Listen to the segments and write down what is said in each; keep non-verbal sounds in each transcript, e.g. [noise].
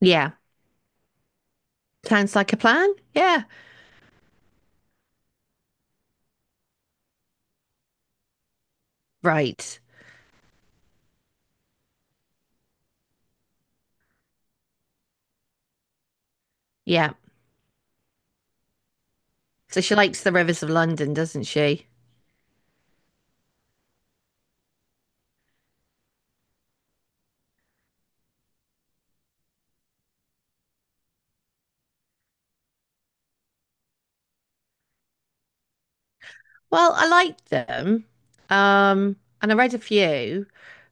Yeah. Sounds like a plan. Yeah. Right. Yeah. So she likes the Rivers of London, doesn't she? Well, I liked them. Um, and I read a few,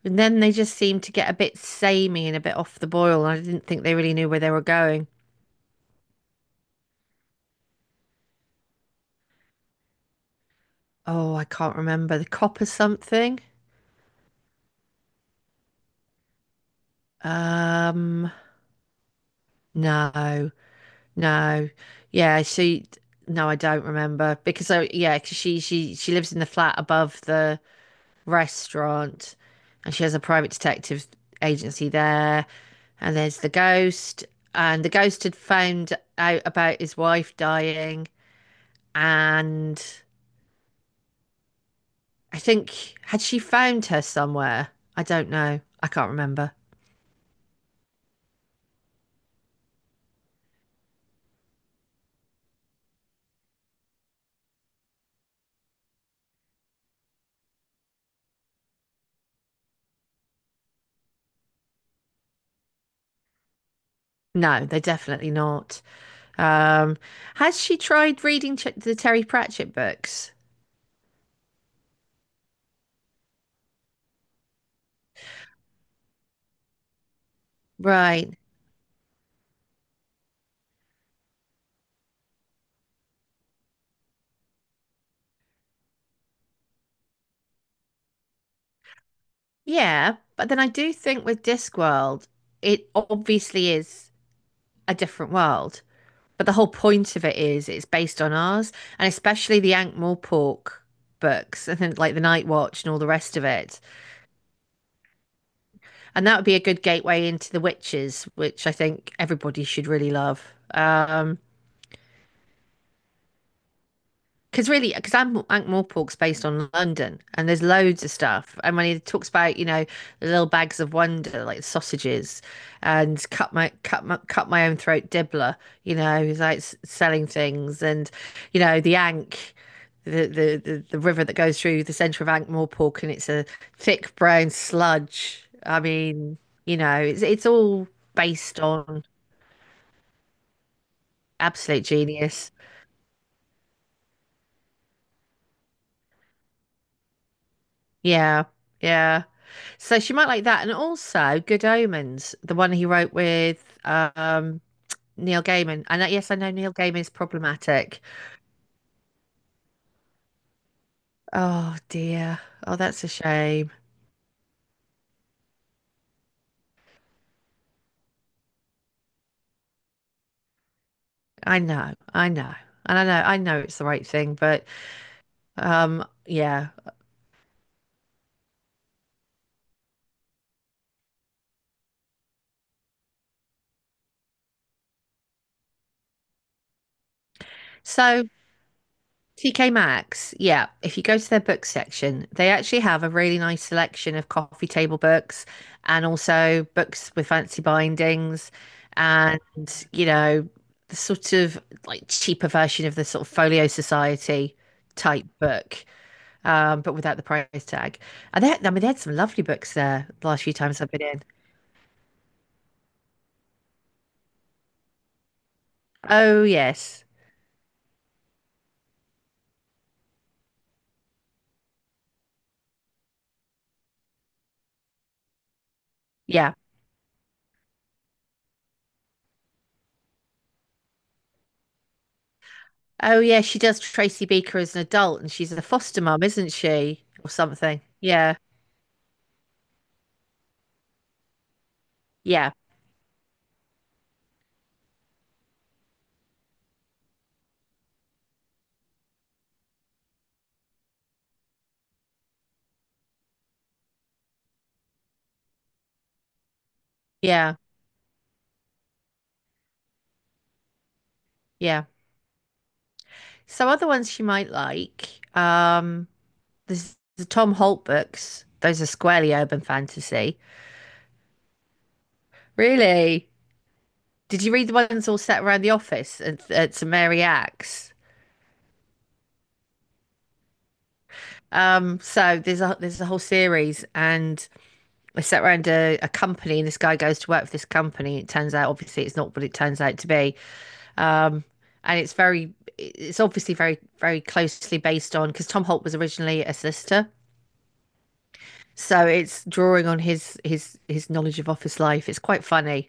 and then they just seemed to get a bit samey and a bit off the boil, and I didn't think they really knew where they were going. Oh, I can't remember. The cop or something? Um, no, no. Yeah, she no, I don't remember because I yeah, 'cause she lives in the flat above the restaurant, and she has a private detective agency there. And there's the ghost, and the ghost had found out about his wife dying, and I think had she found her somewhere? I don't know. I can't remember. No, they're definitely not. Um, has she tried reading the Terry Pratchett books? Right. Yeah, but then I do think with Discworld, it obviously is a different world. But the whole point of it is it's based on ours, and especially the Ankh Morpork books, I think, like the Night Watch and all the rest of it. And that would be a good gateway into the Witches, which I think everybody should really love. Um, because really, because Ankh-Morpork's based on London, and there's loads of stuff. And when he talks about, you know, the little bags of wonder, like sausages, and cut my own throat dibbler, you know, he's like selling things, and you know, the Ankh, the river that goes through the centre of Ankh-Morpork, and it's a thick brown sludge. I mean, you know, it's all based on absolute genius. Yeah, yeah. So she might like that. And also Good Omens, the one he wrote with Neil Gaiman. And yes, I know Neil Gaiman's problematic. Oh dear. Oh, that's a shame. I know, I know. And I know it's the right thing, but yeah. So TK Maxx, yeah, if you go to their book section, they actually have a really nice selection of coffee table books and also books with fancy bindings and, you know, the sort of like cheaper version of the sort of Folio Society type book, but without the price tag. And I mean, they had some lovely books there the last few times I've been in. Oh, yes. Yeah. Oh, yeah. She does Tracy Beaker as an adult and she's a foster mum, isn't she? Or something. Yeah. Yeah. Yeah, yeah. So other ones she might like, there's the Tom Holt books. Those are squarely urban fantasy. Really? Did you read the ones all set around the office at St Mary Axe? So there's a whole series, and they set around a company, and this guy goes to work for this company. It turns out, obviously, it's not what it turns out to be. Um, and it's very, it's obviously very, very closely based on because Tom Holt was originally a solicitor. So it's drawing on his knowledge of office life. It's quite funny.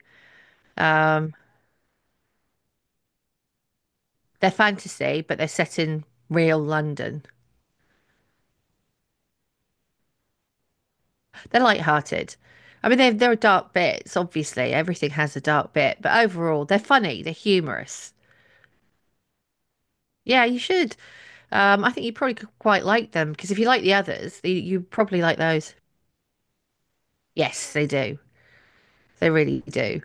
Um, they're fantasy, but they're set in real London. They're light-hearted. I mean, there are dark bits, obviously. Everything has a dark bit, but overall, they're funny. They're humorous. Yeah, you should. I think you probably could quite like them because if you like the others, you probably like those. Yes, they do. They really do.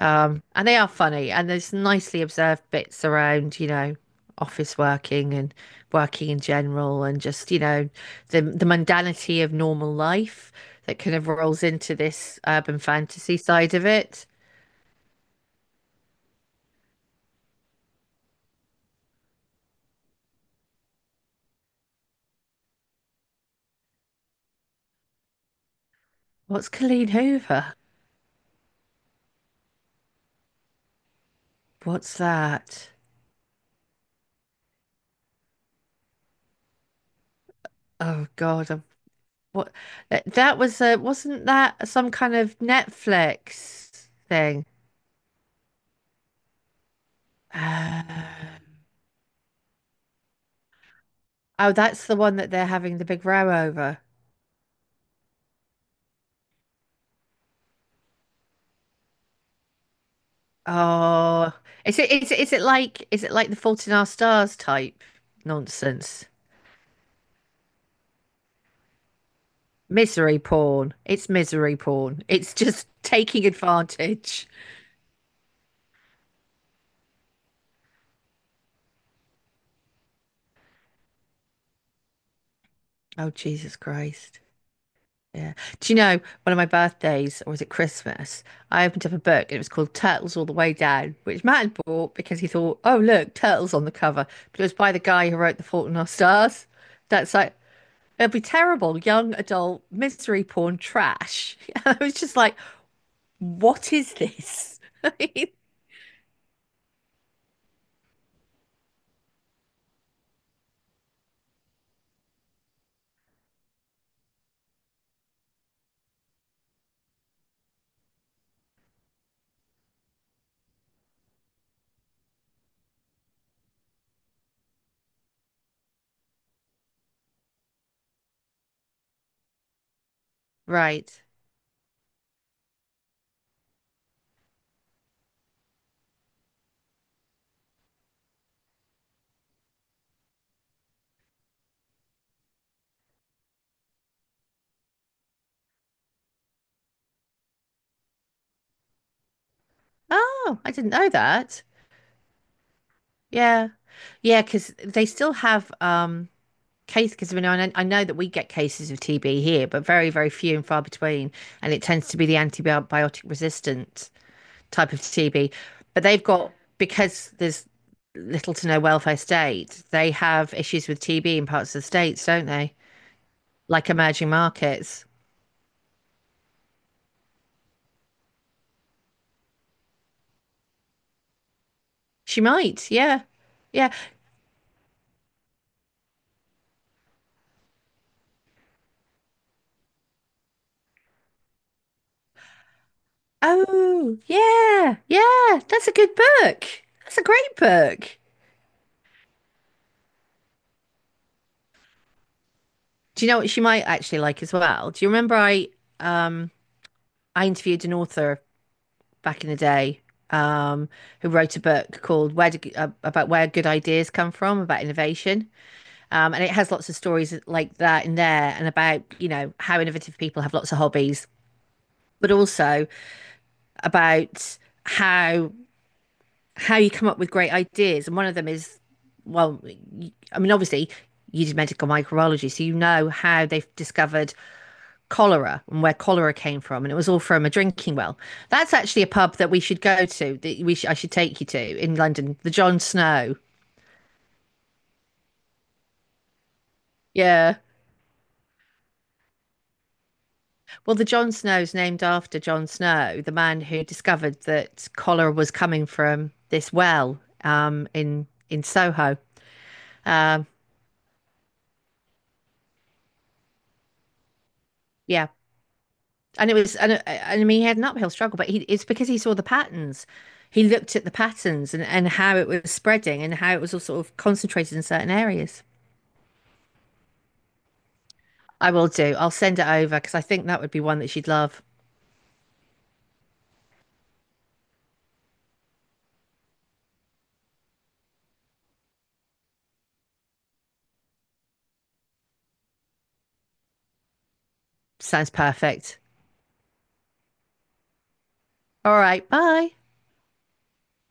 And they are funny, and there's nicely observed bits around, you know, office working and working in general, and just, you know, the mundanity of normal life that kind of rolls into this urban fantasy side of it. What's Colleen Hoover? What's that? Oh God, I'm- what? That that was a, wasn't that some kind of Netflix thing? Uh, oh, that's the one that they're having the big row over. Oh, is it like is it like the Fault in Our Stars type nonsense? Misery porn. It's misery porn. It's just [laughs] taking advantage. Oh, Jesus Christ. Yeah. Do you know, one of my birthdays, or was it Christmas? I opened up a book and it was called Turtles All the Way Down, which Matt had bought because he thought, oh, look, turtles on the cover. But it was by the guy who wrote The Fault in Our Stars. That's like, it'll be terrible, young adult misery porn trash. [laughs] I was just like, what is this? [laughs] Right. Oh, I didn't know that. Yeah. Yeah, because they still have case because I know that we get cases of TB here, but very, very few and far between. And it tends to be the antibiotic resistant type of TB. But they've got because there's little to no welfare state, they have issues with TB in parts of the states, don't they? Like emerging markets. She might, yeah. Yeah. Oh, yeah, yeah. That's a good book. That's a great book. Do you know what she might actually like as well? Do you remember um I interviewed an author back in the day um who wrote a book called about where good ideas come from about innovation. And it has lots of stories like that in there and about, you know, how innovative people have lots of hobbies, but also about how how you come up with great ideas. And one of them is, well, I mean, obviously, you did medical microbiology, so you know how they've discovered cholera and where cholera came from, and it was all from a drinking well. That's actually a pub that we should go to. I should take you to in London, the John Snow. Yeah, well, the John Snow's named after John Snow, the man who discovered that cholera was coming from this well in Soho. Um, yeah, and it was and I mean he had an uphill struggle, but he, it's because he saw the patterns. He looked at the patterns and how it was spreading and how it was all sort of concentrated in certain areas. I will do. I'll send it over because I think that would be one that she'd love. Sounds perfect. All right, bye.